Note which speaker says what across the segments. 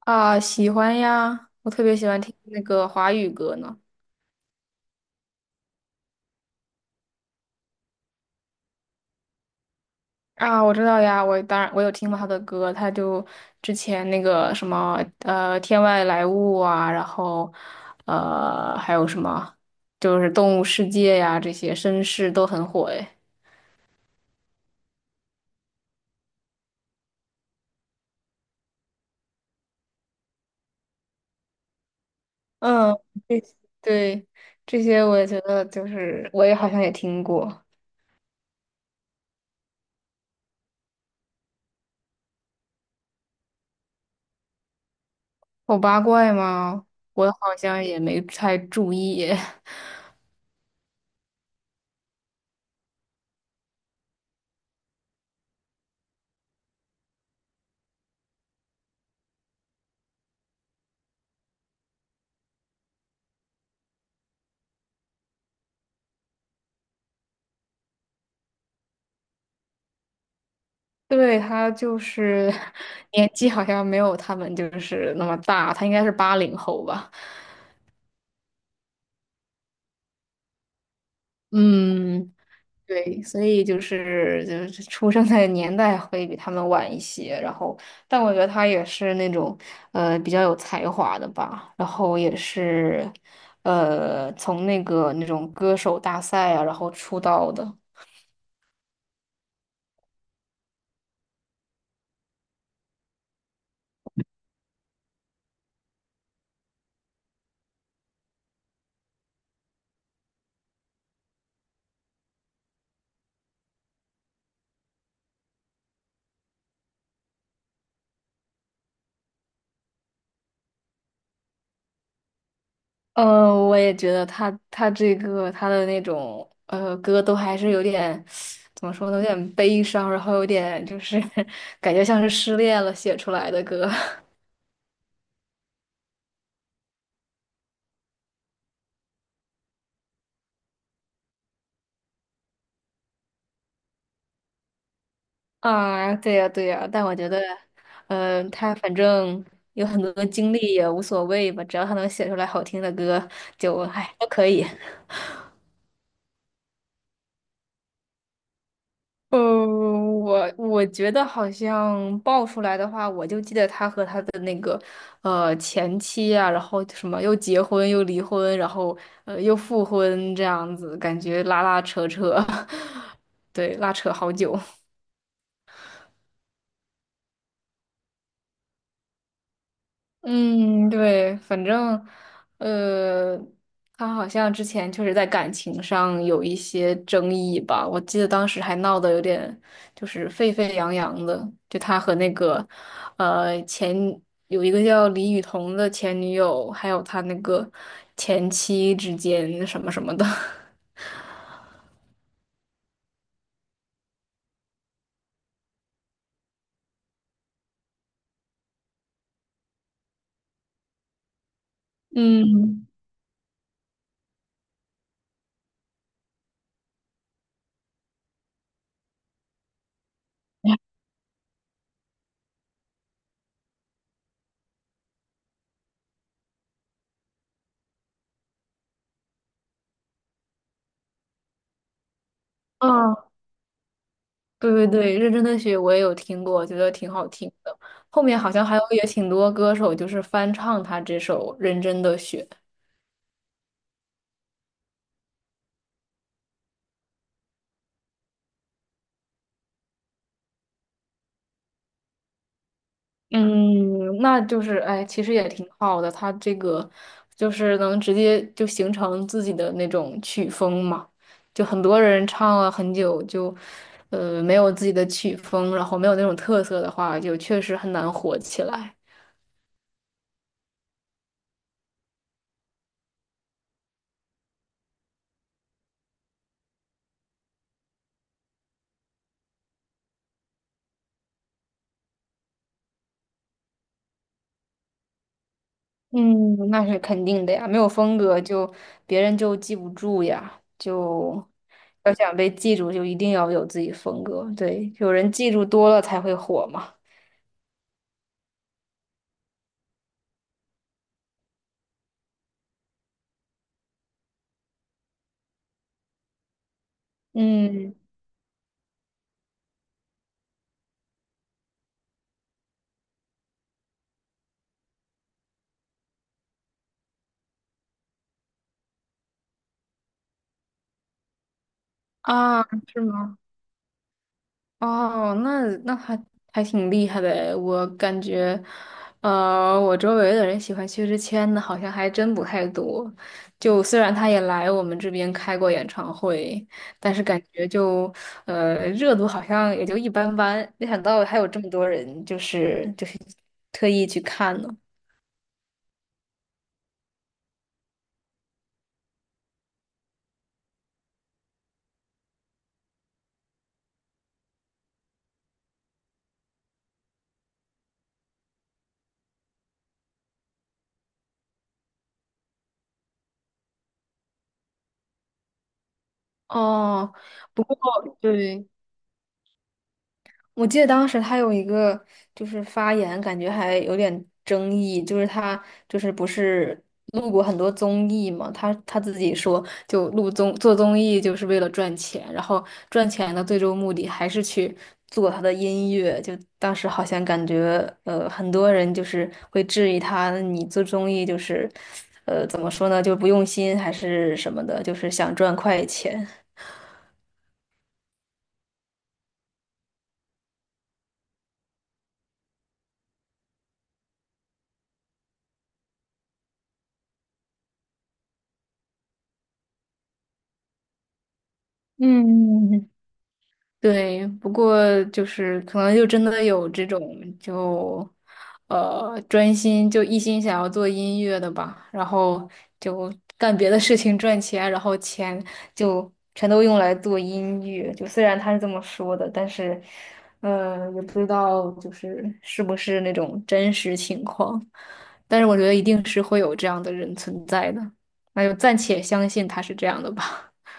Speaker 1: 啊，喜欢呀，我特别喜欢听那个华语歌呢。啊，我知道呀，我当然有听过他的歌，他就之前那个什么《天外来物》啊，然后还有什么就是《动物世界》呀，这些绅士都很火诶。嗯，对对，这些我也觉得就是我也好像也听过。丑八怪吗？我好像也没太注意。对，他就是 年纪好像没有他们就是那么大，他应该是80后吧。嗯，对，所以就是出生的年代会比他们晚一些。然后，但我觉得他也是那种比较有才华的吧。然后也是从那个那种歌手大赛啊，然后出道的。嗯，我也觉得他这个他的那种歌都还是有点怎么说呢，有点悲伤，然后有点就是 感觉像是失恋了写出来的歌 啊，对呀对呀，但我觉得，嗯，他反正有很多经历也无所谓吧，只要他能写出来好听的歌，就哎都可以。呃，我觉得好像爆出来的话，我就记得他和他的那个前妻啊，然后什么又结婚又离婚，然后又复婚这样子，感觉拉拉扯扯，对，拉扯好久。嗯，对，反正，呃，他好像之前确实在感情上有一些争议吧，我记得当时还闹得有点就是沸沸扬扬的，就他和那个，呃，前有一个叫李雨桐的前女友，还有他那个前妻之间什么什么的，嗯。嗯，对对对，认真的雪我也有听过，觉得挺好听的。后面好像还有也挺多歌手就是翻唱他这首《认真的雪》。嗯，那就是哎，其实也挺好的，他这个就是能直接就形成自己的那种曲风嘛。就很多人唱了很久就，没有自己的曲风，然后没有那种特色的话，就确实很难火起来。嗯，那是肯定的呀，没有风格就别人就记不住呀，就要想被记住，就一定要有自己风格。对，有人记住多了才会火嘛。嗯啊，是吗？哦，那还挺厉害的诶我感觉，我周围的人喜欢薛之谦的，好像还真不太多。就虽然他也来我们这边开过演唱会，但是感觉就，热度好像也就一般般。没想到还有这么多人，就是特意去看呢。哦，不过对，我记得当时他有一个就是发言，感觉还有点争议，就是他就是不是录过很多综艺嘛，他自己说就做综艺就是为了赚钱，然后赚钱的最终目的还是去做他的音乐，就当时好像感觉很多人就是会质疑他，你做综艺就是怎么说呢，就不用心还是什么的，就是想赚快钱。嗯，对，不过就是可能就真的有这种就，专心就一心想要做音乐的吧，然后就干别的事情赚钱，然后钱就全都用来做音乐。就虽然他是这么说的，但是，也不知道就是是不是那种真实情况，但是我觉得一定是会有这样的人存在的，那就暂且相信他是这样的吧。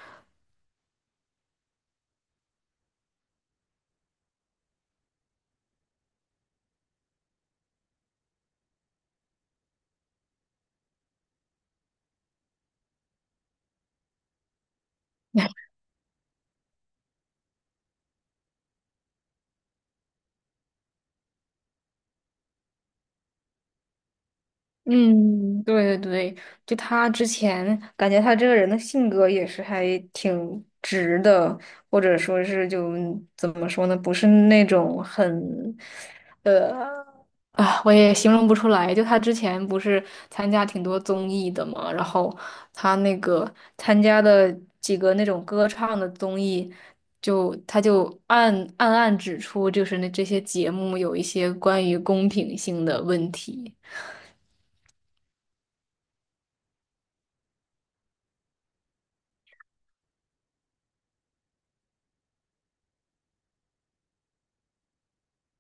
Speaker 1: 嗯，对对对，就他之前感觉他这个人的性格也是还挺直的，或者说是就怎么说呢，不是那种很呃啊，我也形容不出来。就他之前不是参加挺多综艺的嘛，然后他那个参加的几个那种歌唱的综艺，就他就暗指出，就是那这些节目有一些关于公平性的问题。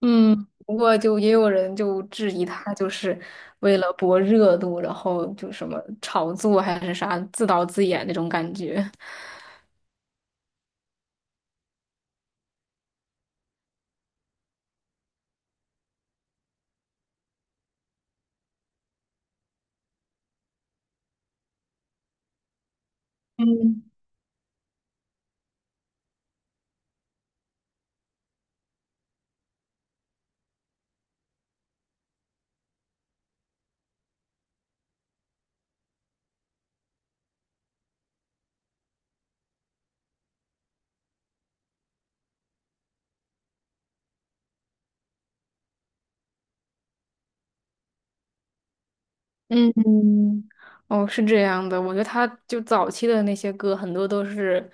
Speaker 1: 嗯，不过就也有人就质疑他，就是为了博热度，然后就什么炒作还是啥，自导自演那种感觉。嗯。嗯，哦，是这样的，我觉得他就早期的那些歌很多都是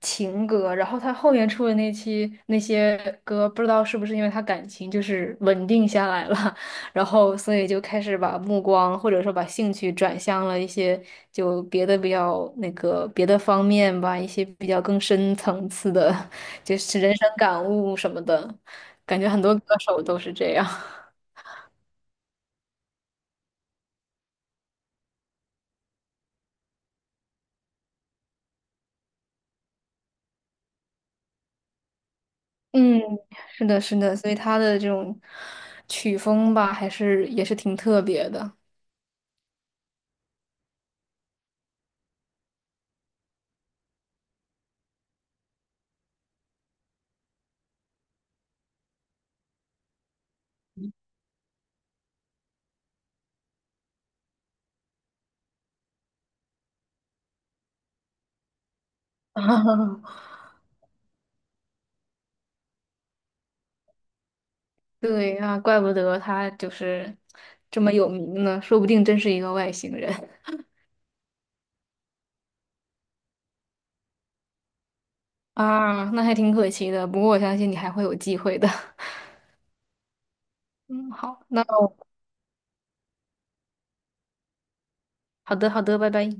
Speaker 1: 情歌，然后他后面出的那期那些歌，不知道是不是因为他感情就是稳定下来了，然后所以就开始把目光或者说把兴趣转向了一些就别的比较那个别的方面吧，一些比较更深层次的，就是人生感悟什么的，感觉很多歌手都是这样。嗯，是的，是的，所以他的这种曲风吧，还是也是挺特别的。对啊，怪不得他就是这么有名呢，说不定真是一个外星人啊，那还挺可惜的。不过我相信你还会有机会的。嗯，好，那我好的，好的，拜拜。